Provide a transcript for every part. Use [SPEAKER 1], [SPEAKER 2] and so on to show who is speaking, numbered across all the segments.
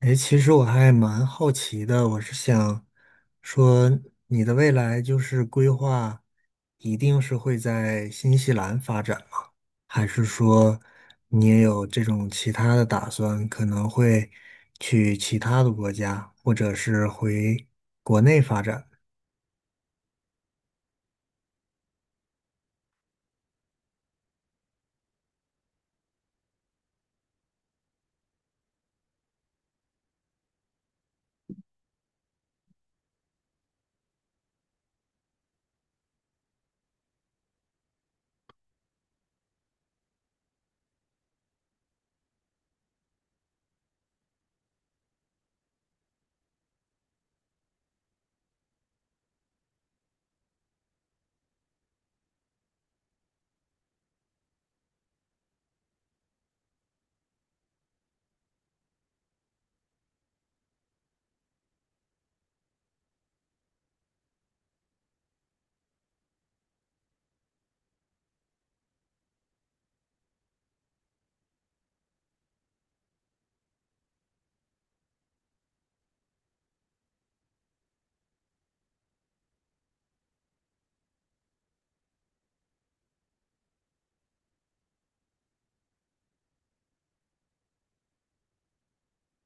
[SPEAKER 1] 哎，其实我还蛮好奇的，我是想说，你的未来就是规划，一定是会在新西兰发展吗？还是说你也有这种其他的打算，可能会去其他的国家，或者是回国内发展？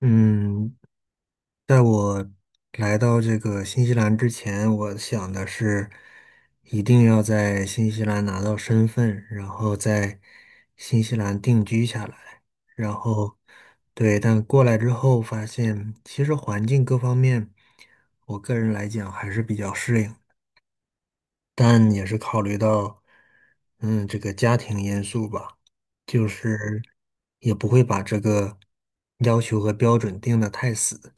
[SPEAKER 1] 嗯，在我来到这个新西兰之前，我想的是一定要在新西兰拿到身份，然后在新西兰定居下来。然后，对，但过来之后发现，其实环境各方面，我个人来讲还是比较适应，但也是考虑到，嗯，这个家庭因素吧，就是也不会把这个要求和标准定得太死。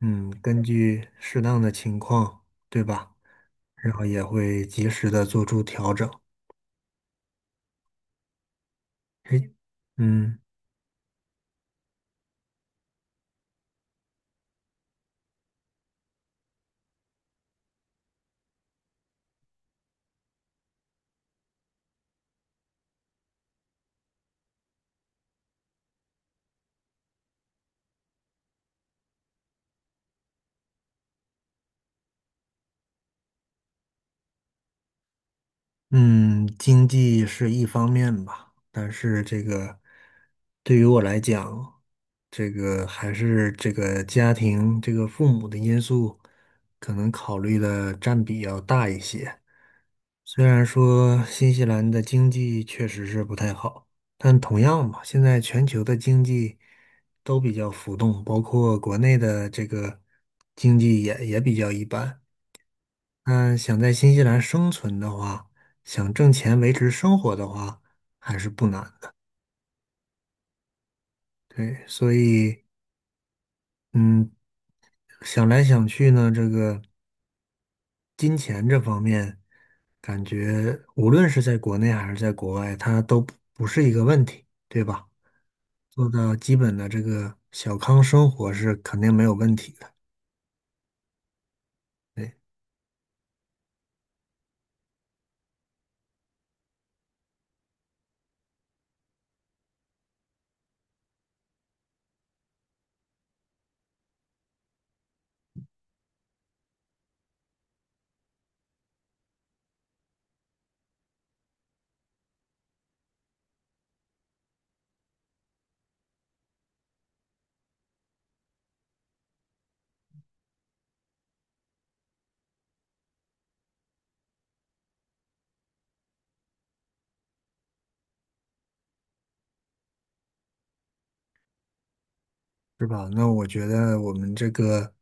[SPEAKER 1] 嗯，根据适当的情况，对吧？然后也会及时的做出调整。诶，嗯嗯，经济是一方面吧，但是这个对于我来讲，这个还是这个家庭、这个父母的因素，可能考虑的占比要大一些。虽然说新西兰的经济确实是不太好，但同样嘛，现在全球的经济都比较浮动，包括国内的这个经济也比较一般。嗯，想在新西兰生存的话，想挣钱维持生活的话，还是不难的。对，所以嗯，想来想去呢，这个。金钱这方面，感觉无论是在国内还是在国外，它都不是一个问题，对吧？做到基本的这个小康生活是肯定没有问题的，对，是吧？那我觉得我们这个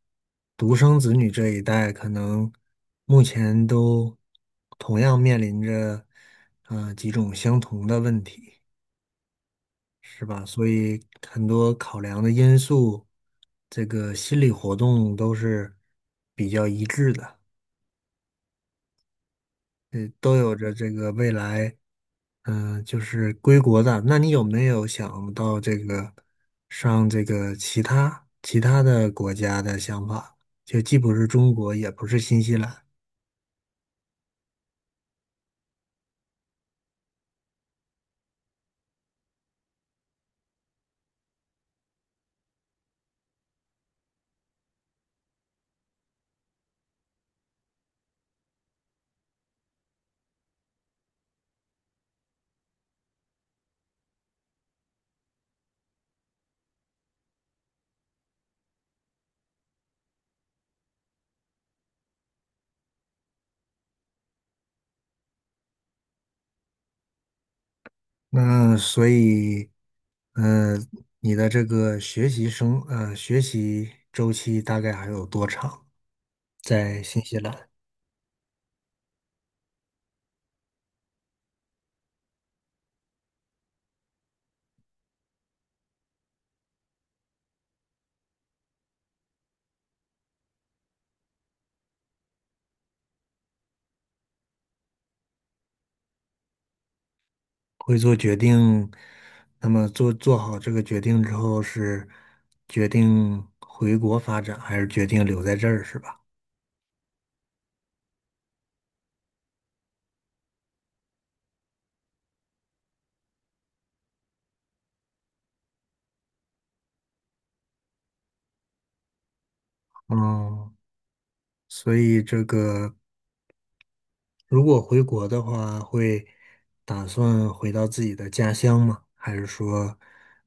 [SPEAKER 1] 独生子女这一代，可能目前都同样面临着几种相同的问题。是吧？所以很多考量的因素，这个心理活动都是比较一致的，呃，都有着这个未来，嗯、就是归国的。那你有没有想到这个上这个其他的国家的想法？就既不是中国，也不是新西兰。那所以，呃，你的这个学习生，学习周期大概还有多长？在新西兰？会做决定，那么做好这个决定之后，是决定回国发展，还是决定留在这儿，是吧？嗯，所以这个如果回国的话，会打算回到自己的家乡吗？还是说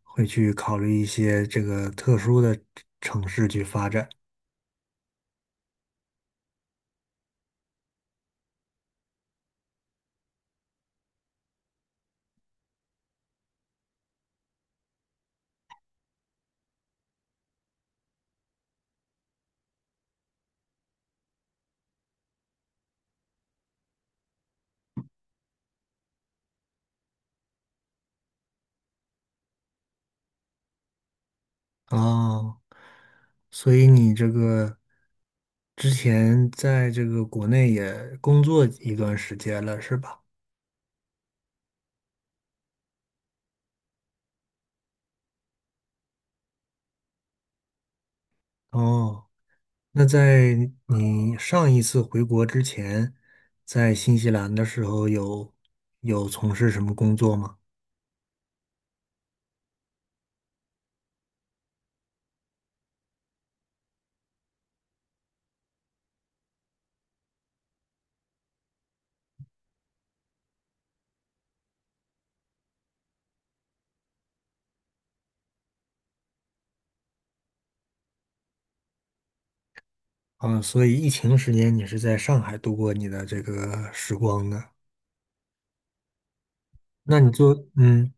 [SPEAKER 1] 会去考虑一些这个特殊的城市去发展？啊，所以你这个之前在这个国内也工作一段时间了，是吧？哦，那在你上一次回国之前，在新西兰的时候有从事什么工作吗？啊，所以疫情时间你是在上海度过你的这个时光的。那你做，嗯，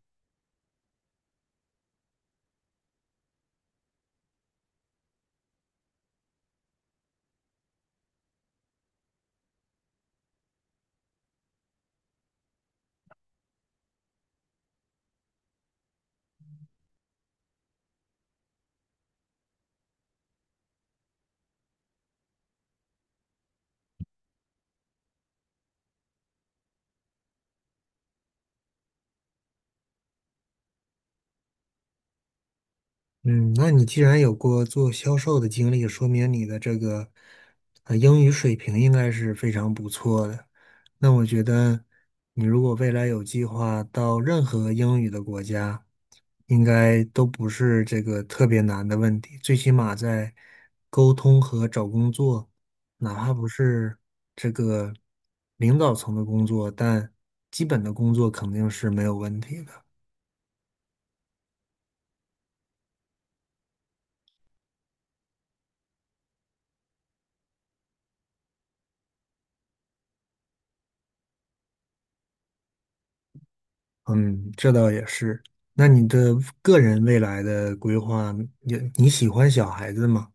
[SPEAKER 1] 嗯，那你既然有过做销售的经历，说明你的这个英语水平应该是非常不错的。那我觉得你如果未来有计划到任何英语的国家，应该都不是这个特别难的问题。最起码在沟通和找工作，哪怕不是这个领导层的工作，但基本的工作肯定是没有问题的。嗯，这倒也是。那你的个人未来的规划，你喜欢小孩子吗？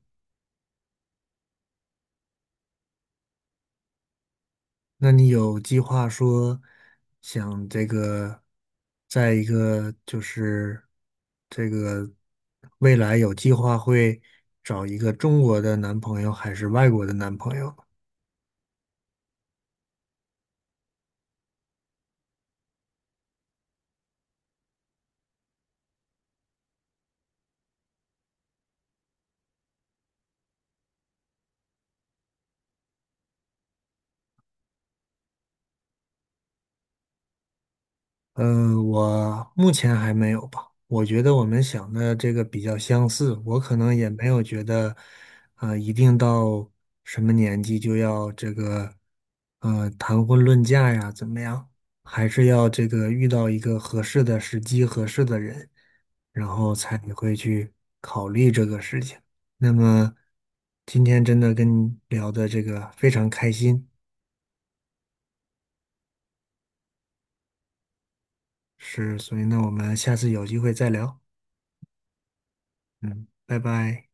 [SPEAKER 1] 那你有计划说想这个，在一个就是这个未来有计划会找一个中国的男朋友还是外国的男朋友？嗯，我目前还没有吧。我觉得我们想的这个比较相似，我可能也没有觉得，呃，一定到什么年纪就要这个，呃，谈婚论嫁呀，怎么样？还是要这个遇到一个合适的时机、合适的人，然后才会去考虑这个事情。那么今天真的跟你聊的这个非常开心，是，所以呢，我们下次有机会再聊。嗯，拜拜。